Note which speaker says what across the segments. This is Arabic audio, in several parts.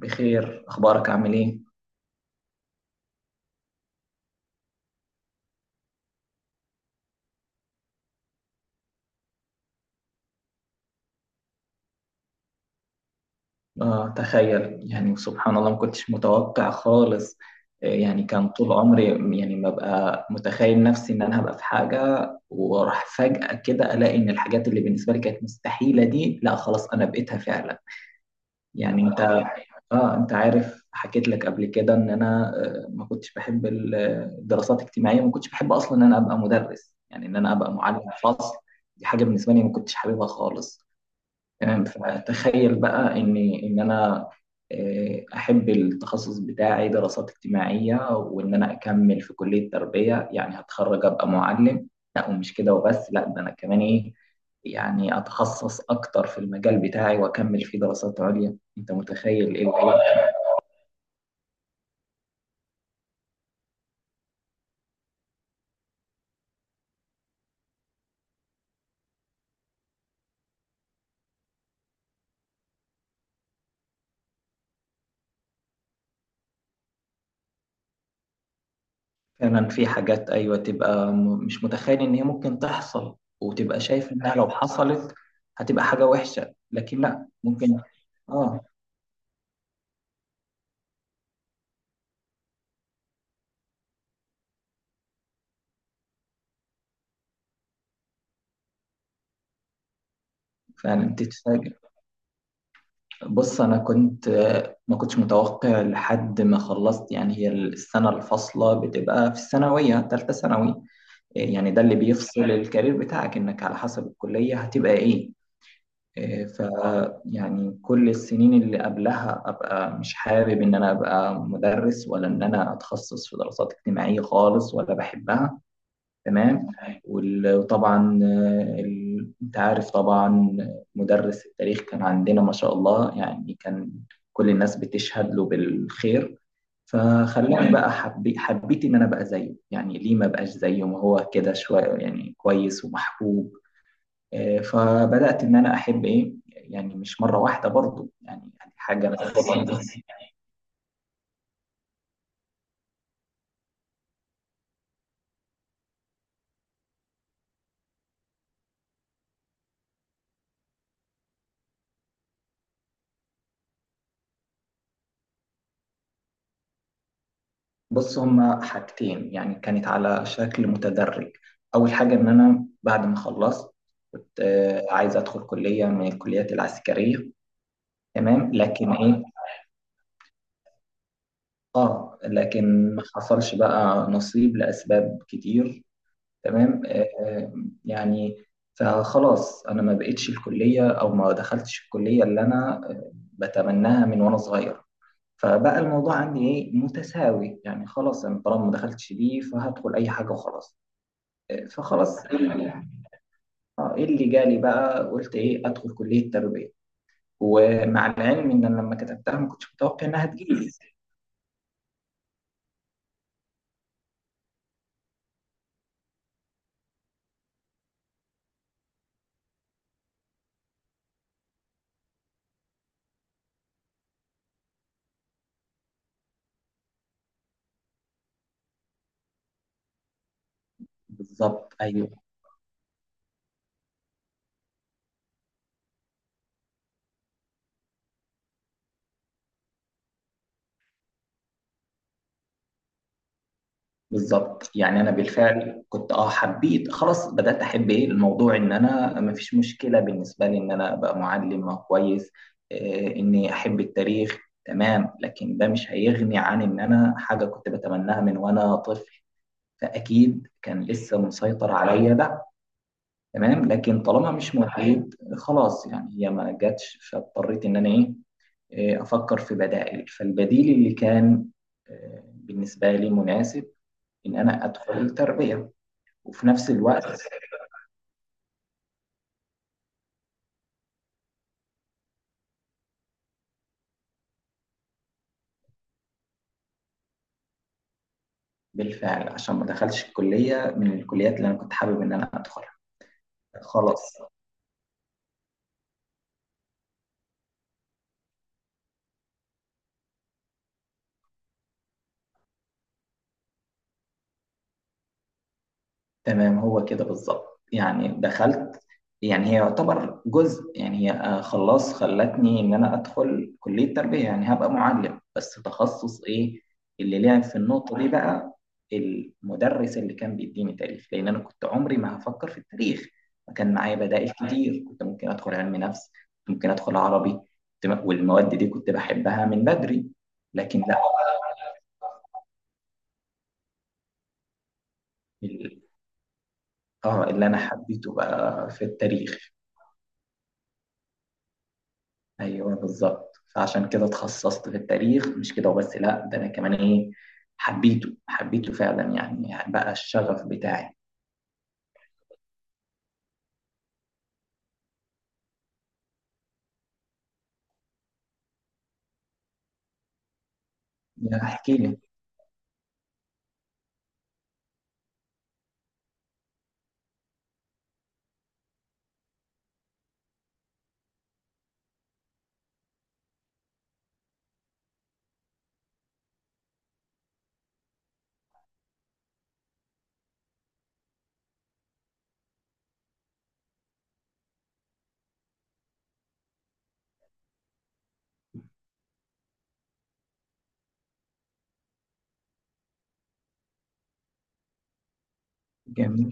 Speaker 1: بخير، اخبارك؟ عامل ايه؟ تخيل، يعني سبحان الله ما كنتش متوقع خالص. يعني كان طول عمري يعني ببقى متخيل نفسي ان انا هبقى في حاجه، وراح فجأة كده الاقي ان الحاجات اللي بالنسبه لي كانت مستحيله دي، لا خلاص انا بقيتها فعلا. يعني انت، اه انت عارف حكيت لك قبل كده ان انا ما كنتش بحب الدراسات الاجتماعيه، ما كنتش بحب اصلا ان انا ابقى مدرس، يعني ان انا ابقى معلم فصل. دي حاجه بالنسبه لي ما كنتش حاببها خالص. تمام، فتخيل بقى ان ان انا احب التخصص بتاعي دراسات اجتماعيه، وان انا اكمل في كليه تربيه يعني هتخرج ابقى معلم. لا، ومش كده وبس، لا ده انا كمان ايه، يعني اتخصص اكتر في المجال بتاعي واكمل فيه دراسات عليا. انت متخيل ايه اللي فعلا في حاجات، ايوه، تبقى مش متخيل ان هي ممكن تحصل، وتبقى شايف انها لو حصلت هتبقى حاجه وحشه، لكن لا ممكن. اه فعلا تتفاجئ. بص، انا كنت ما كنتش متوقع لحد ما خلصت. يعني هي السنه الفاصله بتبقى في الثانويه، ثالثه ثانوي، يعني ده اللي بيفصل الكارير بتاعك انك على حسب الكليه هتبقى ايه. ف يعني كل السنين اللي قبلها ابقى مش حابب ان انا ابقى مدرس، ولا ان انا اتخصص في دراسات اجتماعيه خالص ولا بحبها. تمام. وطبعا انت عارف طبعا مدرس التاريخ كان عندنا ما شاء الله، يعني كان كل الناس بتشهد له بالخير. فخلاني بقى حبيت ان انا بقى زيه، يعني ليه ما بقاش زيه، ما هو كده شويه يعني كويس ومحبوب. فبدأت ان انا احب ايه، يعني مش مرة واحدة برضه يعني. حاجة انا، بص هما حاجتين، يعني كانت على شكل متدرج. أول حاجة إن أنا بعد ما خلصت كنت عايز أدخل كلية من الكليات العسكرية. تمام، لكن إيه، آه لكن ما حصلش بقى نصيب لأسباب كتير. تمام. يعني فخلاص أنا ما بقتش الكلية، أو ما دخلتش الكلية اللي أنا بتمناها من وأنا صغير. فبقى الموضوع عندي إيه متساوي، يعني خلاص أنا طالما ما دخلتش دي فهدخل أي حاجة وخلاص. فخلاص ايه اللي جالي بقى، قلت ايه ادخل كلية تربية، ومع العلم ان انا لما كتبتها ما كنتش متوقع انها تجيلي. بالظبط. ايوه بالظبط، يعني انا بالفعل كنت اه حبيت، خلاص بدات احب ايه الموضوع، ان انا ما فيش مشكله بالنسبه لي ان انا ابقى معلم أو كويس. إيه اني احب التاريخ. تمام، لكن ده مش هيغني عن ان انا حاجه كنت بتمناها من وانا طفل، فاكيد كان لسه مسيطر عليا ده. تمام، لكن طالما مش موجود خلاص، يعني هي ما جاتش، فاضطريت ان انا ايه، افكر في بدائل. فالبديل اللي كان بالنسبه لي مناسب ان انا ادخل التربيه، وفي نفس الوقت بالفعل عشان ما دخلش الكليه من الكليات اللي انا كنت حابب ان انا ادخلها. خلاص. تمام، هو كده بالظبط. يعني دخلت، يعني هي يعتبر جزء، يعني هي خلاص خلتني ان انا ادخل كلية تربية يعني هبقى معلم، بس تخصص ايه اللي لعب في النقطة دي بقى، المدرس اللي كان بيديني تاريخ، لان انا كنت عمري ما هفكر في التاريخ. فكان معايا بدائل كتير، كنت ممكن ادخل علم نفس، كنت ممكن ادخل عربي، والمواد دي كنت بحبها من بدري. لكن لا، ال- اه اللي انا حبيته بقى في التاريخ. ايوه بالظبط، فعشان كده اتخصصت في التاريخ، مش كده وبس، لا ده انا كمان ايه، حبيته فعلا، يعني يعني بقى الشغف بتاعي. يعني احكي لي. جميل.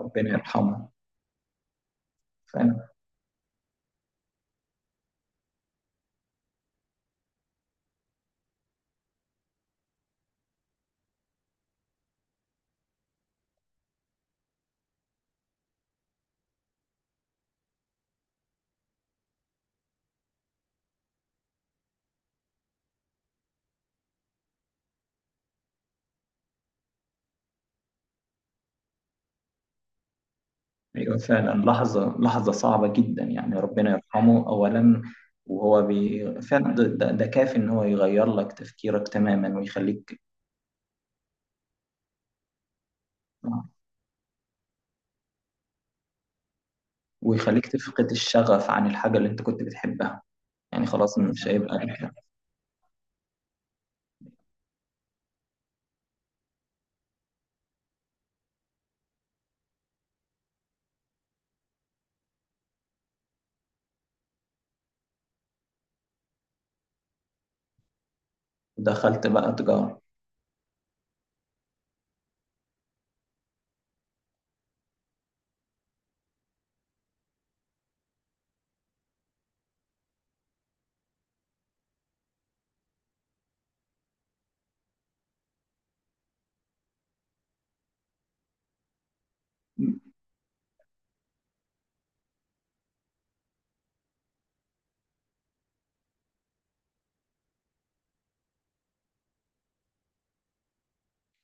Speaker 1: ربنا يرحمه. فعلا. ايوه فعلا، لحظه، لحظه صعبه جدا يعني، ربنا يرحمه اولا. وهو بي... فعلا ده كافي ان هو يغير لك تفكيرك تماما ويخليك، ويخليك تفقد الشغف عن الحاجه اللي انت كنت بتحبها. يعني خلاص مش هيبقى لك. دخلت بقى تجاره.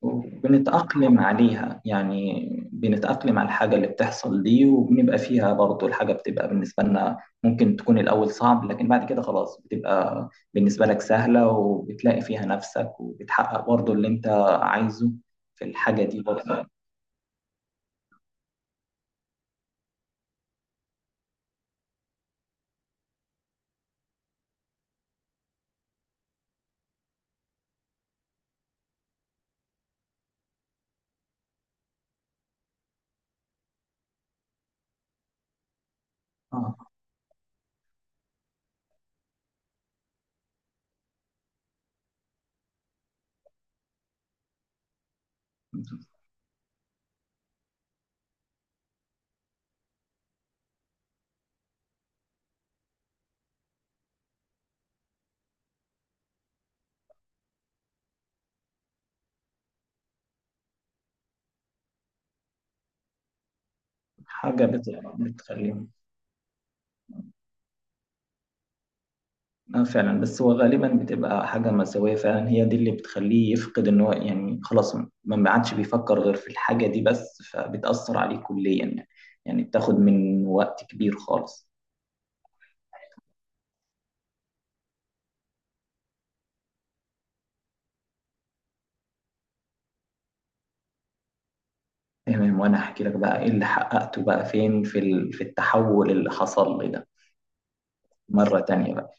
Speaker 1: وبنتأقلم عليها يعني، بنتأقلم على الحاجة اللي بتحصل دي وبنبقى فيها، برضو الحاجة بتبقى بالنسبة لنا ممكن تكون الأول صعب، لكن بعد كده خلاص بتبقى بالنسبة لك سهلة، وبتلاقي فيها نفسك، وبتحقق برضو اللي أنت عايزه في الحاجة دي برضو. آه. حاجة بت- بتخليهم. اه فعلا، بس هو غالبا بتبقى حاجة مأساوية فعلا هي دي اللي بتخليه يفقد ان هو، يعني خلاص ما عادش بيفكر غير في الحاجة دي بس، فبتأثر عليه كليا يعني، يعني بتاخد من وقت كبير خالص. تمام، وانا احكي لك بقى ايه اللي حققته بقى فين في في التحول اللي حصل لي ده مرة تانية بقى.